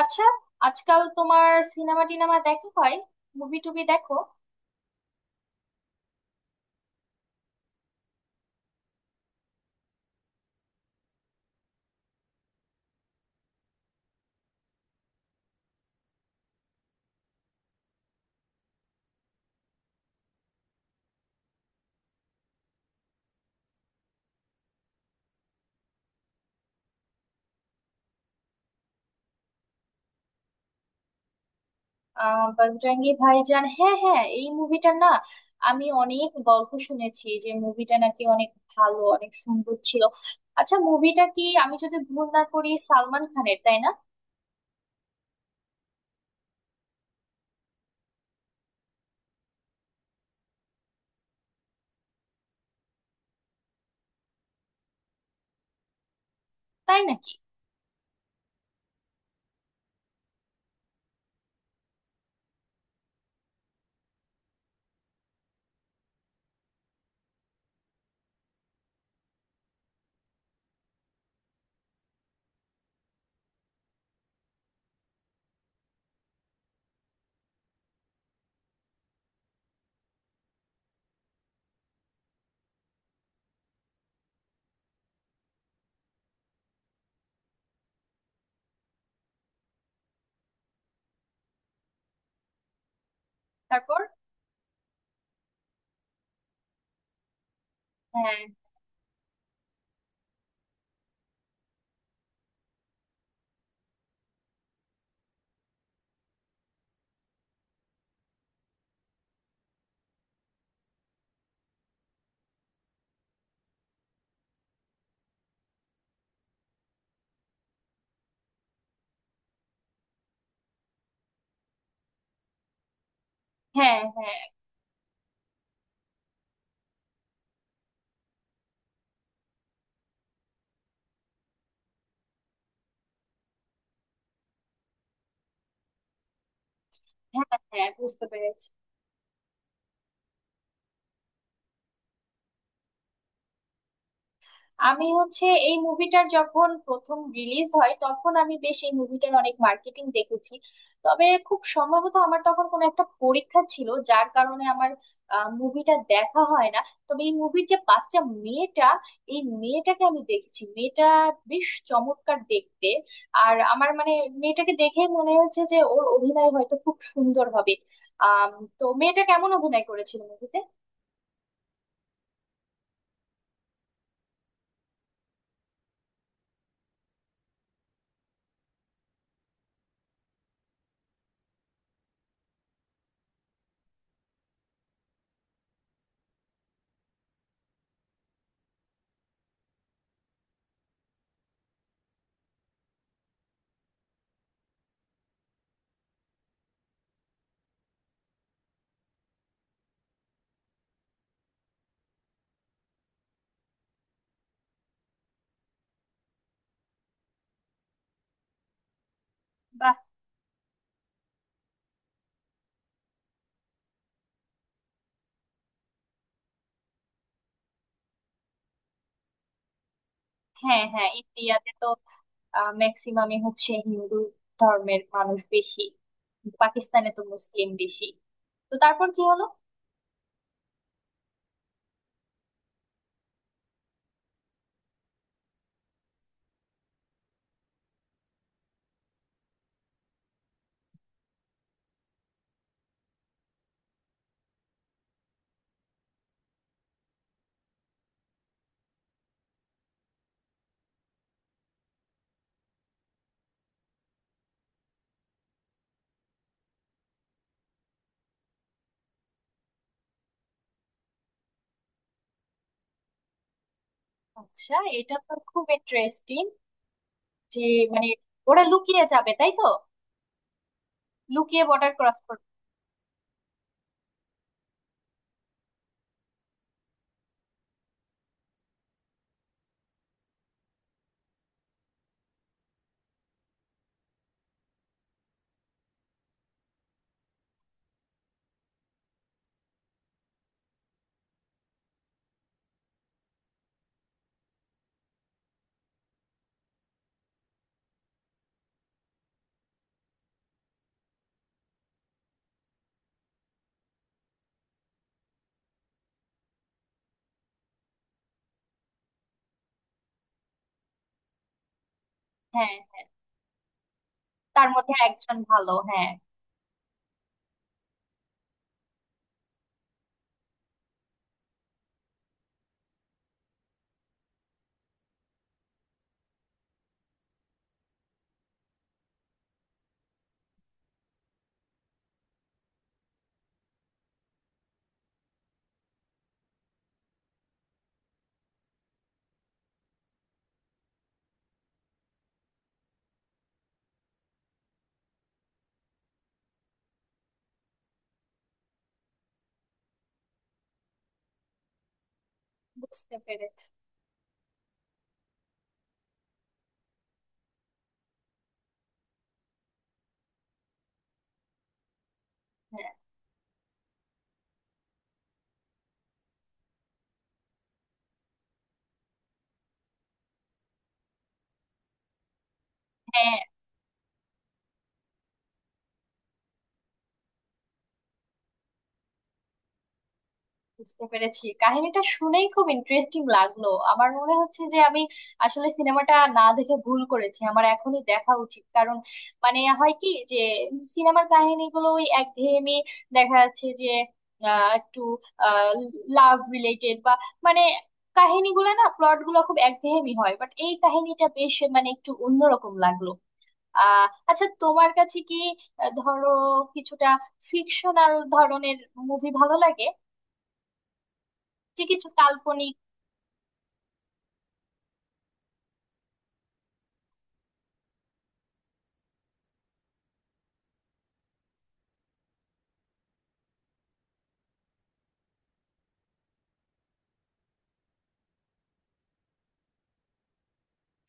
আচ্ছা। আজকাল তোমার সিনেমা টিনেমা দেখা হয়? মুভি টুভি দেখো? বজরঙ্গি ভাইজান, হ্যাঁ হ্যাঁ, এই মুভিটা না আমি অনেক গল্প শুনেছি যে মুভিটা নাকি অনেক ভালো, অনেক সুন্দর ছিল। আচ্ছা, মুভিটা কি আমি যদি ভুল না করি সালমান খানের, তাই না? তাই নাকি? তারপর? হ্যাঁ হ্যাঁ হ্যাঁ হ্যাঁ হ্যাঁ, বুঝতে পেরেছি। আমি হচ্ছে এই মুভিটার যখন প্রথম রিলিজ হয় তখন আমি বেশ এই মুভিটার অনেক মার্কেটিং দেখেছি। তবে খুব সম্ভবত আমার তখন কোনো একটা পরীক্ষা ছিল যার কারণে আমার মুভিটা দেখা হয় না। তবে এই মুভির যে বাচ্চা মেয়েটা, এই মেয়েটাকে আমি দেখেছি, মেয়েটা বেশ চমৎকার দেখতে। আর আমার মানে মেয়েটাকে দেখে মনে হয়েছে যে ওর অভিনয় হয়তো খুব সুন্দর হবে। আহ তো মেয়েটা কেমন অভিনয় করেছিল মুভিতে? বাহ। হ্যাঁ হ্যাঁ, ইন্ডিয়াতে তো ম্যাক্সিমামই হচ্ছে হিন্দু ধর্মের মানুষ বেশি। পাকিস্তানে তো মুসলিম বেশি। তো তারপর কি হলো? আচ্ছা। এটা তো খুব ইন্টারেস্টিং যে, মানে ওরা লুকিয়ে যাবে, তাই তো? লুকিয়ে বর্ডার ক্রস করবে। হ্যাঁ, তার মধ্যে একজন ভালো, হ্যাঁ। বুঝতে পেরেছি। হ্যাঁ হ্যাঁ, বুঝতে পেরেছি, কাহিনীটা শুনেই খুব ইন্টারেস্টিং লাগলো। আমার মনে হচ্ছে যে আমি আসলে সিনেমাটা না দেখে ভুল করেছি, আমার এখনই দেখা উচিত। কারণ মানে হয় কি যে সিনেমার কাহিনীগুলো ওই একঘেয়েমি, দেখা যাচ্ছে যে একটু লাভ রিলেটেড বা মানে কাহিনীগুলো না প্লট গুলো খুব একঘেয়েমি হয়, বাট এই কাহিনীটা বেশ মানে একটু অন্যরকম লাগলো। আহ আচ্ছা, তোমার কাছে কি ধরো কিছুটা ফিকশনাল ধরনের মুভি ভালো লাগে? যে কিছু কাল্পনিক?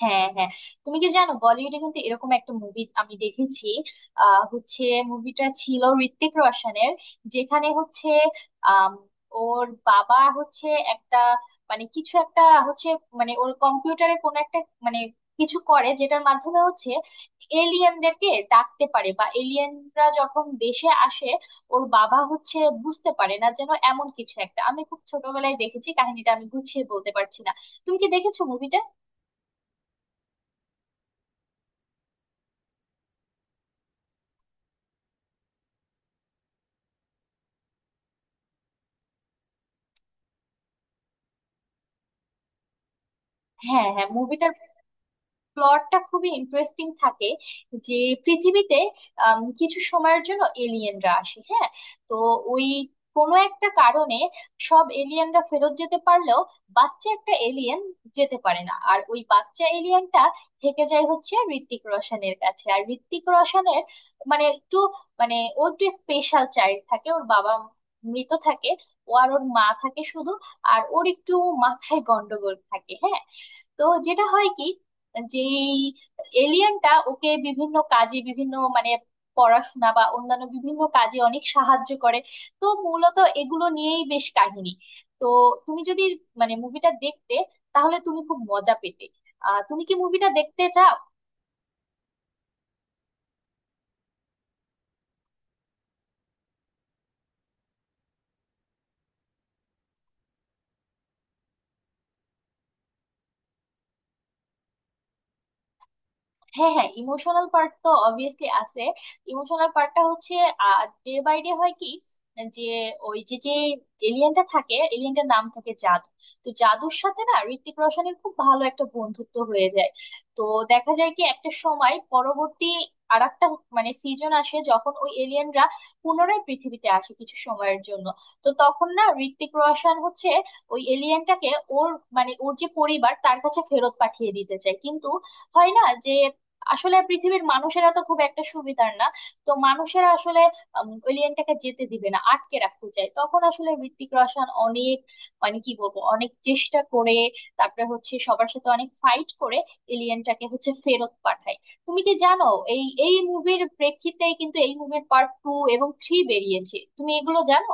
হ্যাঁ হ্যাঁ, তুমি কি জানো বলিউডে কিন্তু এরকম একটা মুভি আমি দেখেছি। হচ্ছে মুভিটা ছিল ঋত্বিক রোশনের, যেখানে হচ্ছে আম, ওর বাবা হচ্ছে একটা, মানে কিছু একটা হচ্ছে, মানে ওর কম্পিউটারে কোনো একটা, মানে কিছু করে যেটার মাধ্যমে হচ্ছে এলিয়েনদেরকে ডাকতে পারে বা এলিয়েনরা যখন দেশে আসে ওর বাবা হচ্ছে বুঝতে পারে না, যেন এমন কিছু একটা। আমি খুব ছোটবেলায় দেখেছি, কাহিনীটা আমি গুছিয়ে বলতে পারছি না। তুমি কি দেখেছো মুভিটা? হ্যাঁ হ্যাঁ, মুভিটার প্লটটা খুবই ইন্টারেস্টিং থাকে, যে পৃথিবীতে কিছু সময়ের জন্য এলিয়েনরা আসে, হ্যাঁ। তো ওই কোনো একটা কারণে সব এলিয়েনরা ফেরত যেতে পারলেও বাচ্চা একটা এলিয়েন যেতে পারে না, আর ওই বাচ্চা এলিয়েনটা থেকে যায় হচ্ছে ঋত্বিক রোশনের কাছে। আর ঋত্বিক রোশনের মানে একটু, মানে ও একটু স্পেশাল চাইল্ড থাকে, ওর বাবা মৃত থাকে, ও আর ওর মা থাকে শুধু। আর ওর একটু মাথায় গন্ডগোল থাকে, হ্যাঁ। তো যেটা হয় কি, যে এলিয়েনটা ওকে বিভিন্ন কাজে, বিভিন্ন মানে পড়াশোনা বা অন্যান্য বিভিন্ন কাজে অনেক সাহায্য করে। তো মূলত এগুলো নিয়েই বেশ কাহিনী। তো তুমি যদি মানে মুভিটা দেখতে তাহলে তুমি খুব মজা পেতে। তুমি কি মুভিটা দেখতে চাও? হ্যাঁ হ্যাঁ, ইমোশনাল পার্ট তো অবভিয়াসলি আছে। ইমোশনাল পার্টটা হচ্ছে ডে বাই ডে হয় কি, যে ওই যে যে এলিয়েনটা থাকে, এলিয়েনটার নাম থাকে জাদু। তো জাদুর সাথে না ঋত্বিক রোশনের খুব ভালো একটা বন্ধুত্ব হয়ে যায়। তো দেখা যায় কি একটা সময় পরবর্তী, আর একটা মানে সিজন আসে যখন ওই এলিয়েনরা পুনরায় পৃথিবীতে আসে কিছু সময়ের জন্য। তো তখন না ঋত্বিক রোশন হচ্ছে ওই এলিয়েনটাকে ওর, মানে ওর যে পরিবার তার কাছে ফেরত পাঠিয়ে দিতে চায়, কিন্তু হয় না। যে আসলে পৃথিবীর মানুষেরা তো খুব একটা সুবিধার না, তো মানুষেরা আসলে এলিয়েনটাকে যেতে দিবে না, আটকে রাখতে চায়। তখন আসলে ঋত্বিক রোশন অনেক, মানে কি বলবো, অনেক চেষ্টা করে, তারপরে হচ্ছে সবার সাথে অনেক ফাইট করে এলিয়েনটাকে হচ্ছে ফেরত পাঠায়। তুমি কি জানো এই এই মুভির প্রেক্ষিতেই কিন্তু এই মুভির পার্ট টু এবং থ্রি বেরিয়েছে? তুমি এগুলো জানো?